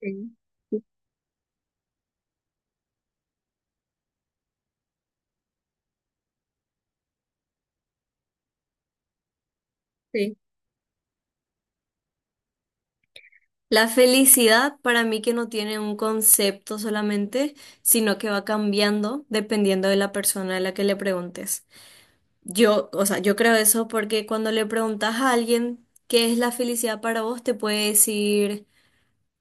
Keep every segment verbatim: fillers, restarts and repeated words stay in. Sí, sí, sí. La felicidad para mí que no tiene un concepto solamente, sino que va cambiando dependiendo de la persona a la que le preguntes. Yo, o sea, yo creo eso porque cuando le preguntas a alguien qué es la felicidad para vos, te puede decir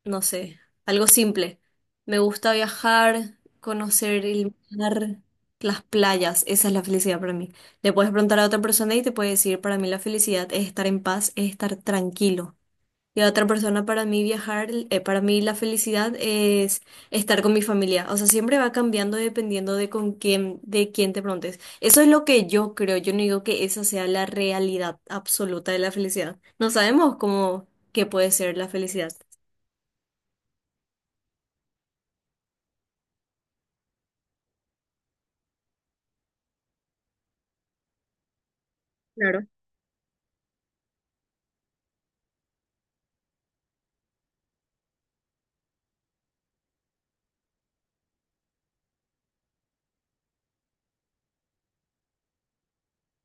no sé, algo simple. Me gusta viajar, conocer el mar, las playas, esa es la felicidad para mí. Le puedes preguntar a otra persona y te puede decir, para mí la felicidad es estar en paz, es estar tranquilo. Y a otra persona, para mí viajar, eh, para mí la felicidad es estar con mi familia. O sea, siempre va cambiando dependiendo de con quién, de quién te preguntes. Eso es lo que yo creo. Yo no digo que esa sea la realidad absoluta de la felicidad. No sabemos cómo, qué puede ser la felicidad. Claro.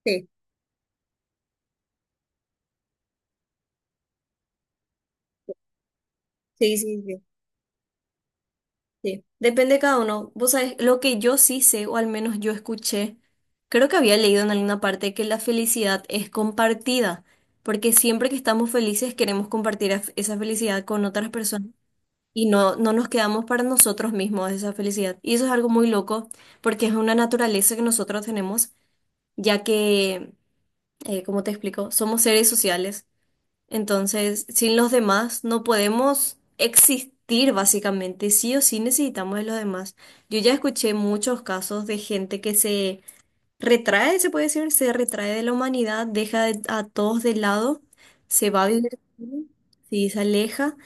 Sí. Sí, sí, sí, sí. Depende de cada uno. Vos sabés, lo que yo sí sé, o al menos yo escuché, creo que había leído en alguna parte que la felicidad es compartida, porque siempre que estamos felices queremos compartir af- esa felicidad con otras personas y no, no nos quedamos para nosotros mismos esa felicidad. Y eso es algo muy loco, porque es una naturaleza que nosotros tenemos, ya que, eh, como te explico, somos seres sociales. Entonces, sin los demás no podemos existir básicamente, sí o sí necesitamos de los demás. Yo ya escuché muchos casos de gente que se retrae, se puede decir, se retrae de la humanidad, deja de- a todos de lado, se va a vivir, sí, se aleja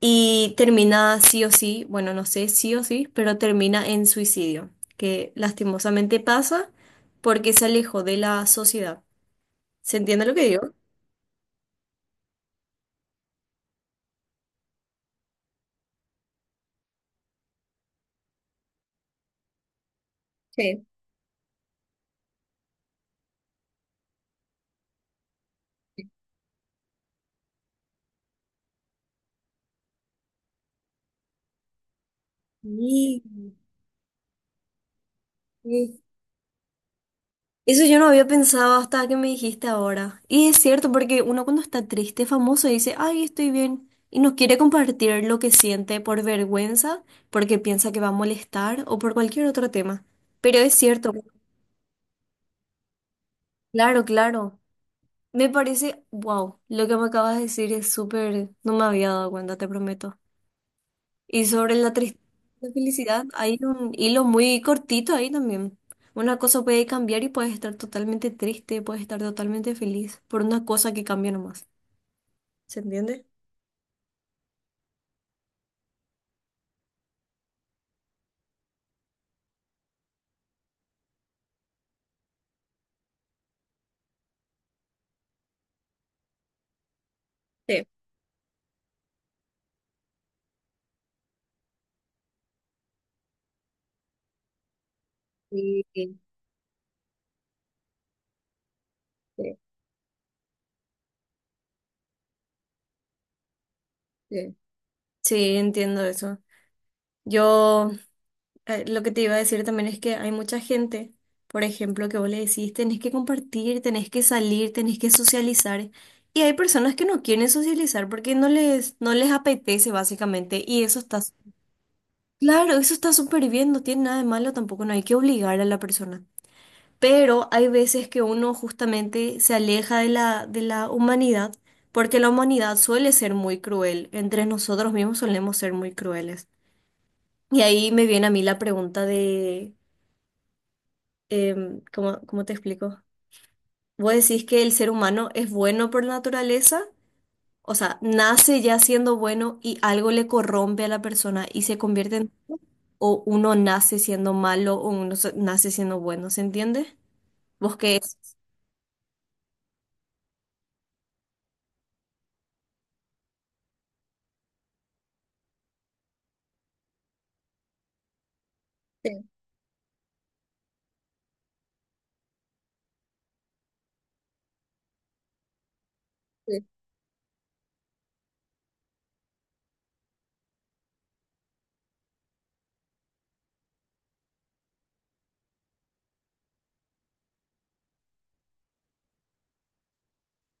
y termina sí o sí, bueno, no sé, sí o sí, pero termina en suicidio, que lastimosamente pasa porque se alejó de la sociedad. ¿Se entiende lo que digo? Sí. Sí, sí. Eso yo no había pensado hasta que me dijiste ahora. Y es cierto, porque uno cuando está triste, famoso, dice, ay, estoy bien, y no quiere compartir lo que siente por vergüenza, porque piensa que va a molestar o por cualquier otro tema. Pero es cierto, claro, claro. Me parece, wow, lo que me acabas de decir es súper, no me había dado cuenta, te prometo. Y sobre la tristeza y la felicidad, hay un hilo muy cortito ahí también. Una cosa puede cambiar y puedes estar totalmente triste, puedes estar totalmente feliz por una cosa que cambia nomás. ¿Se entiende? Sí, sí, sí, sí. Sí, entiendo eso. Yo eh, lo que te iba a decir también es que hay mucha gente, por ejemplo, que vos le decís, tenés que compartir, tenés que salir, tenés que socializar. Y hay personas que no quieren socializar porque no les, no les apetece básicamente y eso está claro, eso está súper bien, no tiene nada de malo tampoco, no hay que obligar a la persona. Pero hay veces que uno justamente se aleja de la, de la humanidad, porque la humanidad suele ser muy cruel, entre nosotros mismos solemos ser muy crueles. Y ahí me viene a mí la pregunta de, em, ¿cómo, cómo te explico? ¿Vos decís que el ser humano es bueno por naturaleza? O sea, nace ya siendo bueno y algo le corrompe a la persona y se convierte en o uno nace siendo malo o uno se- nace siendo bueno, ¿se entiende? ¿Vos qué es? Sí,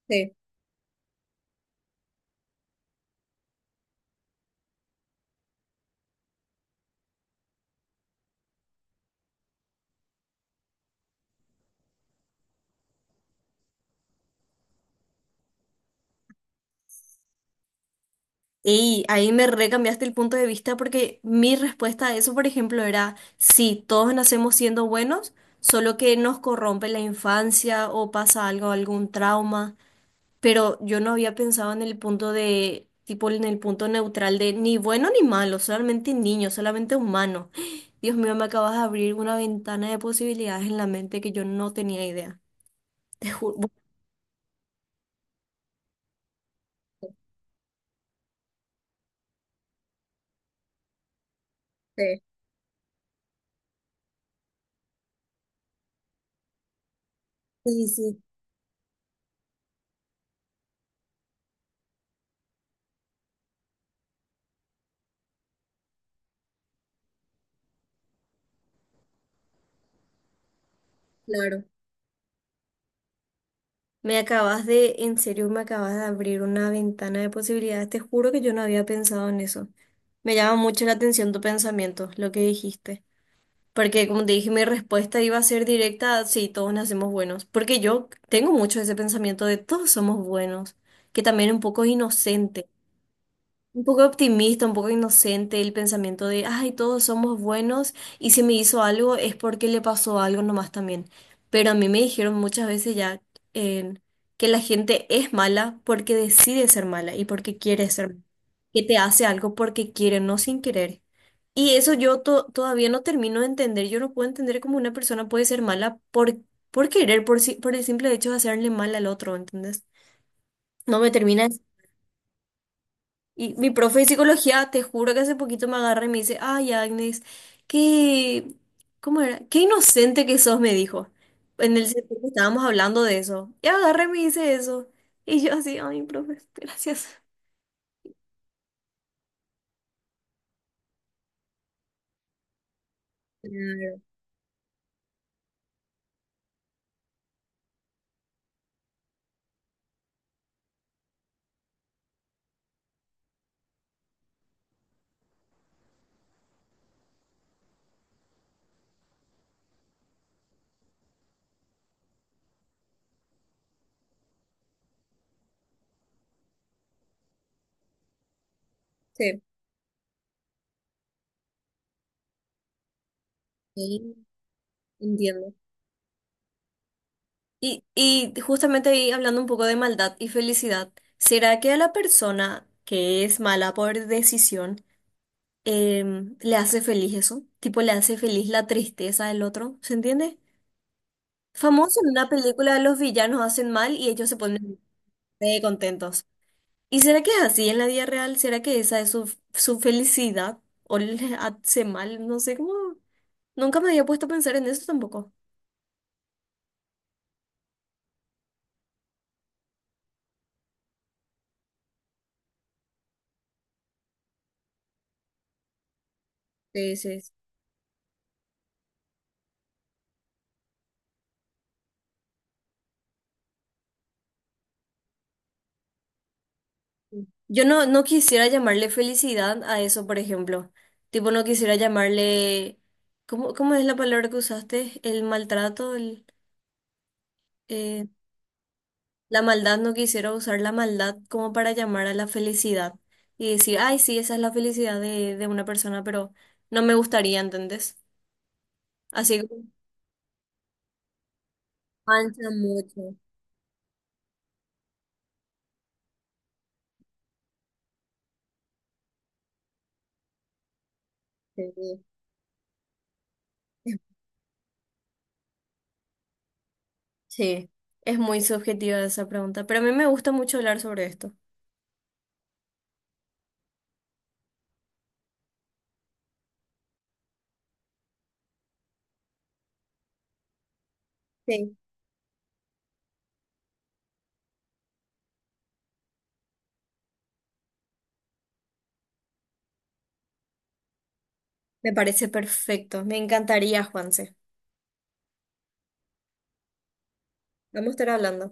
sí. Y ahí me recambiaste el punto de vista porque mi respuesta a eso, por ejemplo, era, sí, todos nacemos siendo buenos, solo que nos corrompe la infancia o pasa algo, algún trauma, pero yo no había pensado en el punto de, tipo, en el punto neutral de ni bueno ni malo, solamente niño, solamente humano. Dios mío, me acabas de abrir una ventana de posibilidades en la mente que yo no tenía idea. Te ju- bu- Sí, sí, sí, claro. Me acabas de, en serio, me acabas de abrir una ventana de posibilidades. Te juro que yo no había pensado en eso. Me llama mucho la atención tu pensamiento, lo que dijiste. Porque como te dije, mi respuesta iba a ser directa, sí, todos nacemos buenos. Porque yo tengo mucho ese pensamiento de todos somos buenos, que también es un poco inocente. Un poco optimista, un poco inocente el pensamiento de, ay, todos somos buenos y si me hizo algo es porque le pasó algo nomás también. Pero a mí me dijeron muchas veces ya eh, que la gente es mala porque decide ser mala y porque quiere ser mala, que te hace algo porque quiere, no sin querer. Y eso yo to- todavía no termino de entender, yo no puedo entender cómo una persona puede ser mala por, por querer, por, si- por el simple hecho de hacerle mal al otro, ¿entendés? No me termina. Y mi profe de psicología, te juro que hace poquito me agarra y me dice, ay, Agnes, qué, ¿cómo era? Qué inocente que sos, me dijo. En el sentido que estábamos hablando de eso. Y agarra y me dice eso. Y yo así, ay, profe, gracias. Claro, sí, sí, entiendo. Y, y justamente ahí hablando un poco de maldad y felicidad, ¿será que a la persona que es mala por decisión em, le hace feliz eso? Tipo, le hace feliz la tristeza del otro, ¿se entiende? Famoso en una película, los villanos hacen mal y ellos se ponen re contentos. ¿Y será que es así en la vida real? ¿Será que esa es su, su felicidad? ¿O le hace mal? No sé cómo. Nunca me había puesto a pensar en eso tampoco. Sí, sí, sí. Yo no, no quisiera llamarle felicidad a eso, por ejemplo. Tipo, no quisiera llamarle... ¿Cómo, cómo es la palabra que usaste? El maltrato, el... eh, la maldad no quisiera usar la maldad como para llamar a la felicidad y decir, ay, sí, esa es la felicidad de, de una persona, pero no me gustaría, ¿entendés? Así que mancha mucho. Sí. Sí, es muy subjetiva esa pregunta, pero a mí me gusta mucho hablar sobre esto. Sí. Me parece perfecto. Me encantaría, Juanse. Vamos a estar hablando.